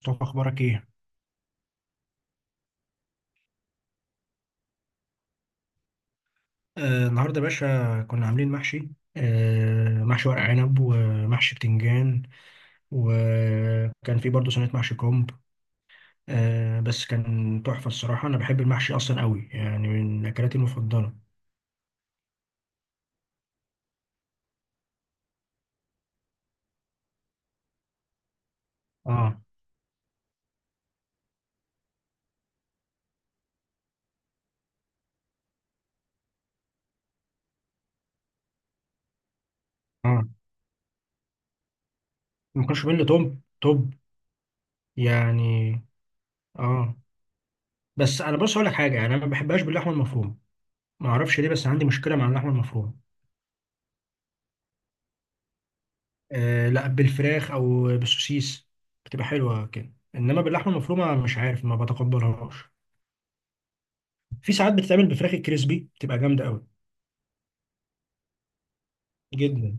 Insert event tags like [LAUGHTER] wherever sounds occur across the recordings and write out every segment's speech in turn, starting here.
مصطفى اخبارك ايه؟ آه، النهارده يا باشا كنا عاملين محشي. آه، محشي ورق عنب ومحشي بتنجان. وكان في برضه صينيه محشي كرنب. آه بس كان تحفه الصراحه، انا بحب المحشي اصلا قوي، يعني من اكلاتي المفضله. اه اه، ما كانش بيقول لي توب توب يعني. اه، بس انا بص اقول لك حاجه، يعني انا ما بحبهاش باللحمه المفرومه، ما اعرفش ليه بس عندي مشكله مع اللحمه المفرومه. آه لا، بالفراخ او بالسوسيس بتبقى حلوه كده، انما باللحمه المفرومه مش عارف ما بتقبلهاش. في ساعات بتتعمل بفراخ الكريسبي بتبقى جامده قوي جدا.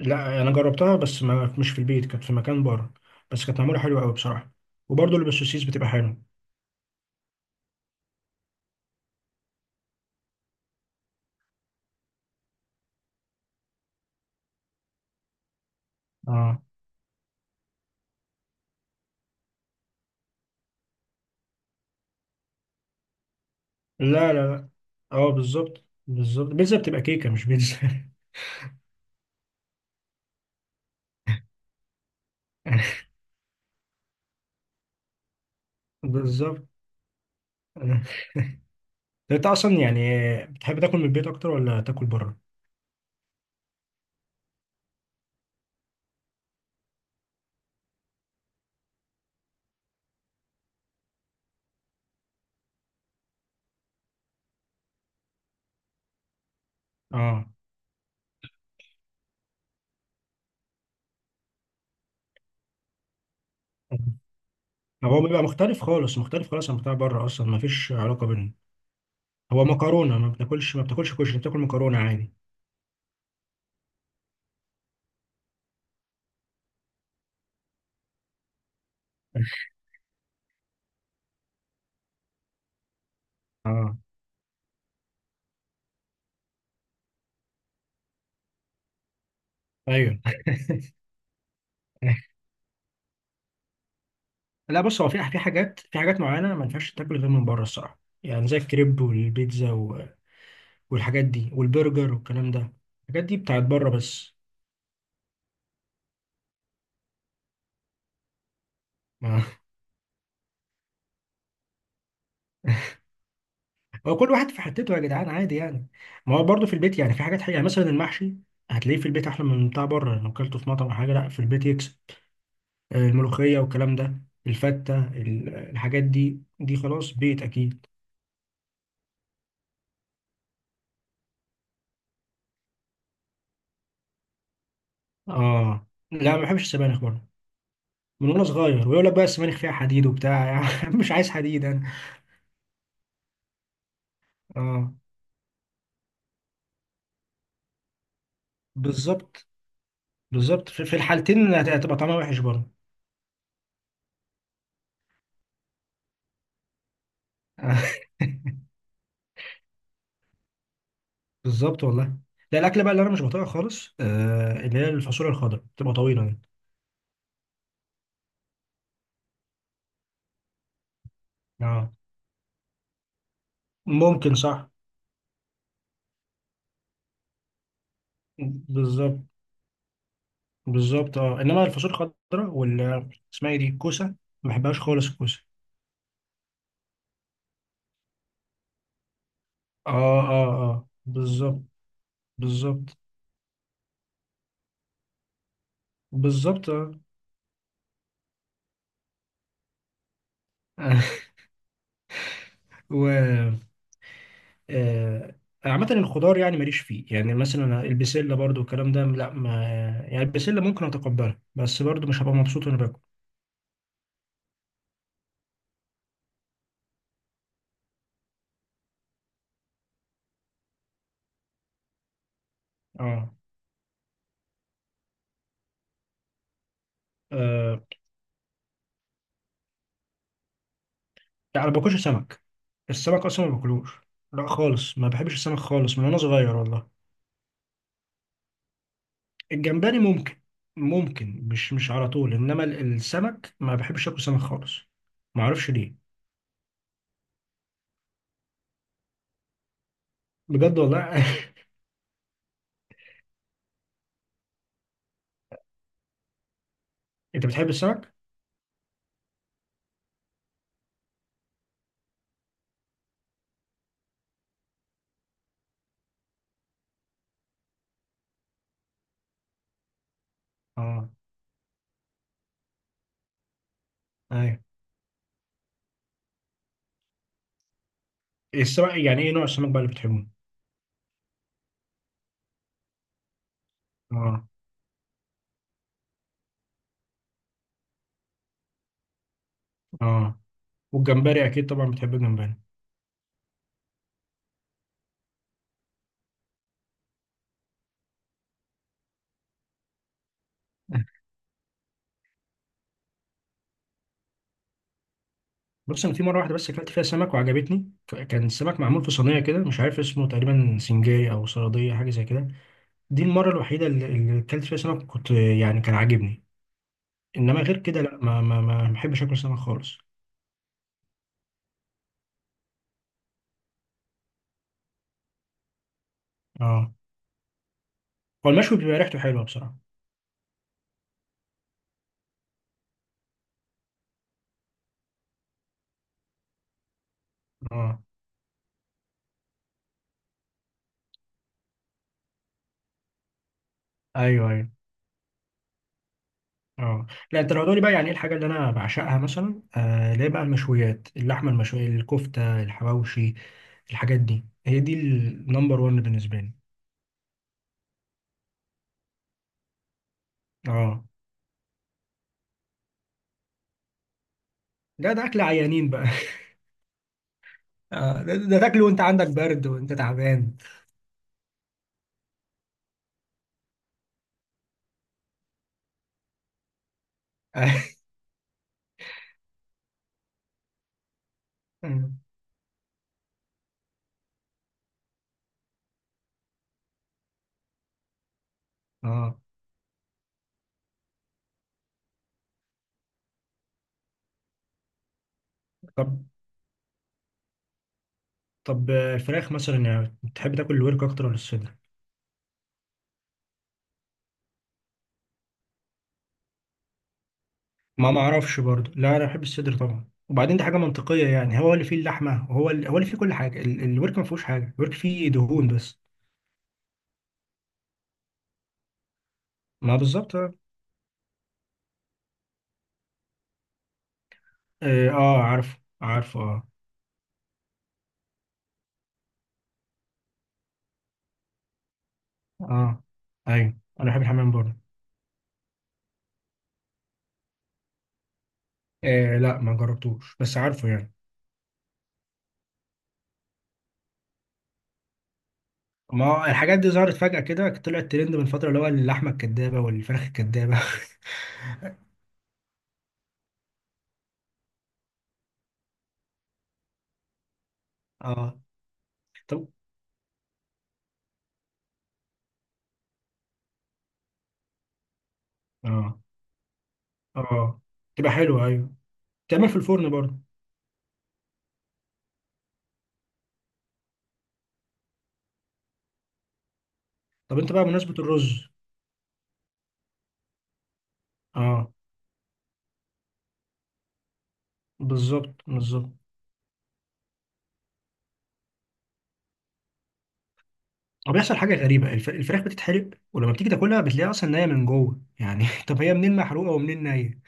لا انا جربتها بس ما مش في البيت، كانت في مكان بره بس كانت معموله حلوه قوي بصراحه. وبرضه اللي بالسوسيس بتبقى حلوه. اه. لا لا لا. اه بالظبط بالظبط، بيتزا بتبقى كيكه مش بيتزا. [LAUGHS] بالظبط. طب انت اصلا يعني بتحب تاكل من البيت اكتر ولا تاكل بره؟ اه. هو بيبقى مختلف خالص، مختلف خالص عن بتاع بره، اصلا ما فيش علاقه بينهم. هو مكرونه، ما بتاكلش كشري، بتاكل مكرونه عادي. اه. ايوه. [LAUGHS] لا بص، هو في حاجات معينه، ما ينفعش تاكل غير من بره الصراحه، يعني زي الكريب والبيتزا والحاجات دي والبرجر والكلام ده. الحاجات دي بتاعت بره بس. ما- [LAUGHS] هو كل واحد في حتته يا جدعان، عادي يعني. ما هو برضه في البيت، يعني في حاجات حقيقة، يعني مثلا المحشي هتلاقيه في البيت احلى من بتاع بره. لو اكلته في مطعم او حاجه لا، في البيت يكسب. آه، الملوخية والكلام ده. الفتة، الحاجات دي خلاص بيت أكيد. آه لا، ما بحبش السبانخ برضه. من وأنا صغير ويقول لك بقى السبانخ فيها حديد وبتاع. [LAUGHS] يعني مش عايز حديد أنا. آه بالظبط بالظبط، في الحالتين هتبقى طعمها وحش برضه. [LAUGHS] بالظبط والله. لا الأكلة بقى اللي أنا مش بطيقها خالص، آه اللي هي الفاصوليا الخضراء بتبقى طويلة دي. آه ممكن صح. بالظبط بالظبط اه، انما الفاصوليا الخضراء وال اسمها ايه دي الكوسه، ما بحبهاش خالص الكوسه. اه اه اه بالظبط. بالظبط بالظبط اه. [LAUGHS] و آه، عامة الخضار يعني ماليش فيه. يعني مثلا البسلة برضو والكلام ده لا ما. يعني البسلة ممكن اتقبلها بس برضو مش هبقى مبسوط وانا باكل. اه. آه، يعني ما باكلش سمك، السمك اصلا ما باكلوش. لا خالص، ما بحبش السمك خالص من وانا صغير والله. الجمبري ممكن مش على طول، انما السمك ما بحبش اكل سمك خالص. ما اعرفش ليه. بجد والله. [LAUGHS] انت بتحب السمك؟ اه. ايوه. السمك يعني ايه نوع السمك بقى اللي بتحبه؟ اه. اه. والجمبري اكيد طبعا بتحب الجمبري. [LAUGHS] بص انا في مره واحده بس اكلت فيها سمك وعجبتني، كان السمك معمول في صينيه كده مش عارف اسمه، تقريبا سنجاري او صياديه حاجه زي كده. دي المره الوحيده اللي اكلت فيها سمك، كنت يعني كان عاجبني. انما غير كده لا، ما بحبش اكل سمك خالص. اه. هو المشوي بيبقى ريحته حلوه بصراحه. اه ايوه ايوه. اه لا، انت لو هتقولي بقى يعني ايه الحاجه اللي انا بعشقها، مثلا آه اللي هي بقى المشويات، اللحمه المشويه، الكفته، الحواوشي. الحاجات دي هي دي النمبر 1 بالنسبه لي. اه. ده اكل عيانين بقى. [LAUGHS] آه ده تاكله وانت عندك برد وانت تعبان. [LAUGHS] اه. آه. طب. طب آه، الفراخ مثلا يعني بتحب تاكل الورك اكتر ولا الصدر؟ ما اعرفش برضه. لا انا بحب الصدر طبعا، وبعدين دي حاجه منطقيه، يعني هو اللي فيه اللحمه، هو اللي فيه كل حاجه. الورك ما فيهوش حاجه، الورك فيه دهون بس. ما بالظبط. إيه، اه عارف عارف اه. اه ايوه انا بحب الحمام برضه. إيه لا، ما جربتوش بس عارفه يعني. ما هو الحاجات دي ظهرت فجأة كده، طلعت ترند من فترة اللي هو اللحمة الكدابة والفراخ الكدابة. [LAUGHS] اه. طب. اه. اه تبقى حلوة ايوه. تعمل في الفرن برضه. طب انت بقى بمناسبة الرز. اه بالظبط بالظبط. هو بيحصل حاجة غريبة، الفراخ بتتحرق ولما بتيجي تاكلها بتلاقيها اصلا نية من جوه، يعني [LAUGHS] طب هي منين محروقة ومنين نية؟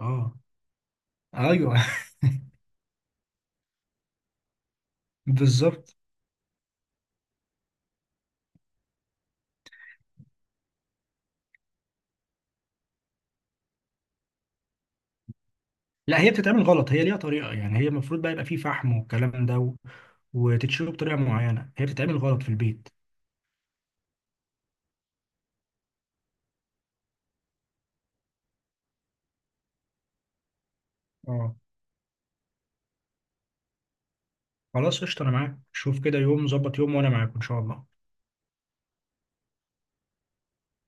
اه ايوه. [LAUGHS] بالظبط. لا هي بتتعمل غلط، هي ليها طريقة، يعني هي المفروض بقى يبقى فيه فحم والكلام ده وتتشرب بطريقة معينة، هي بتتعمل غلط في البيت. اه خلاص قشطة، أنا معاك. شوف كده يوم ظبط، يوم وأنا معاك إن شاء الله.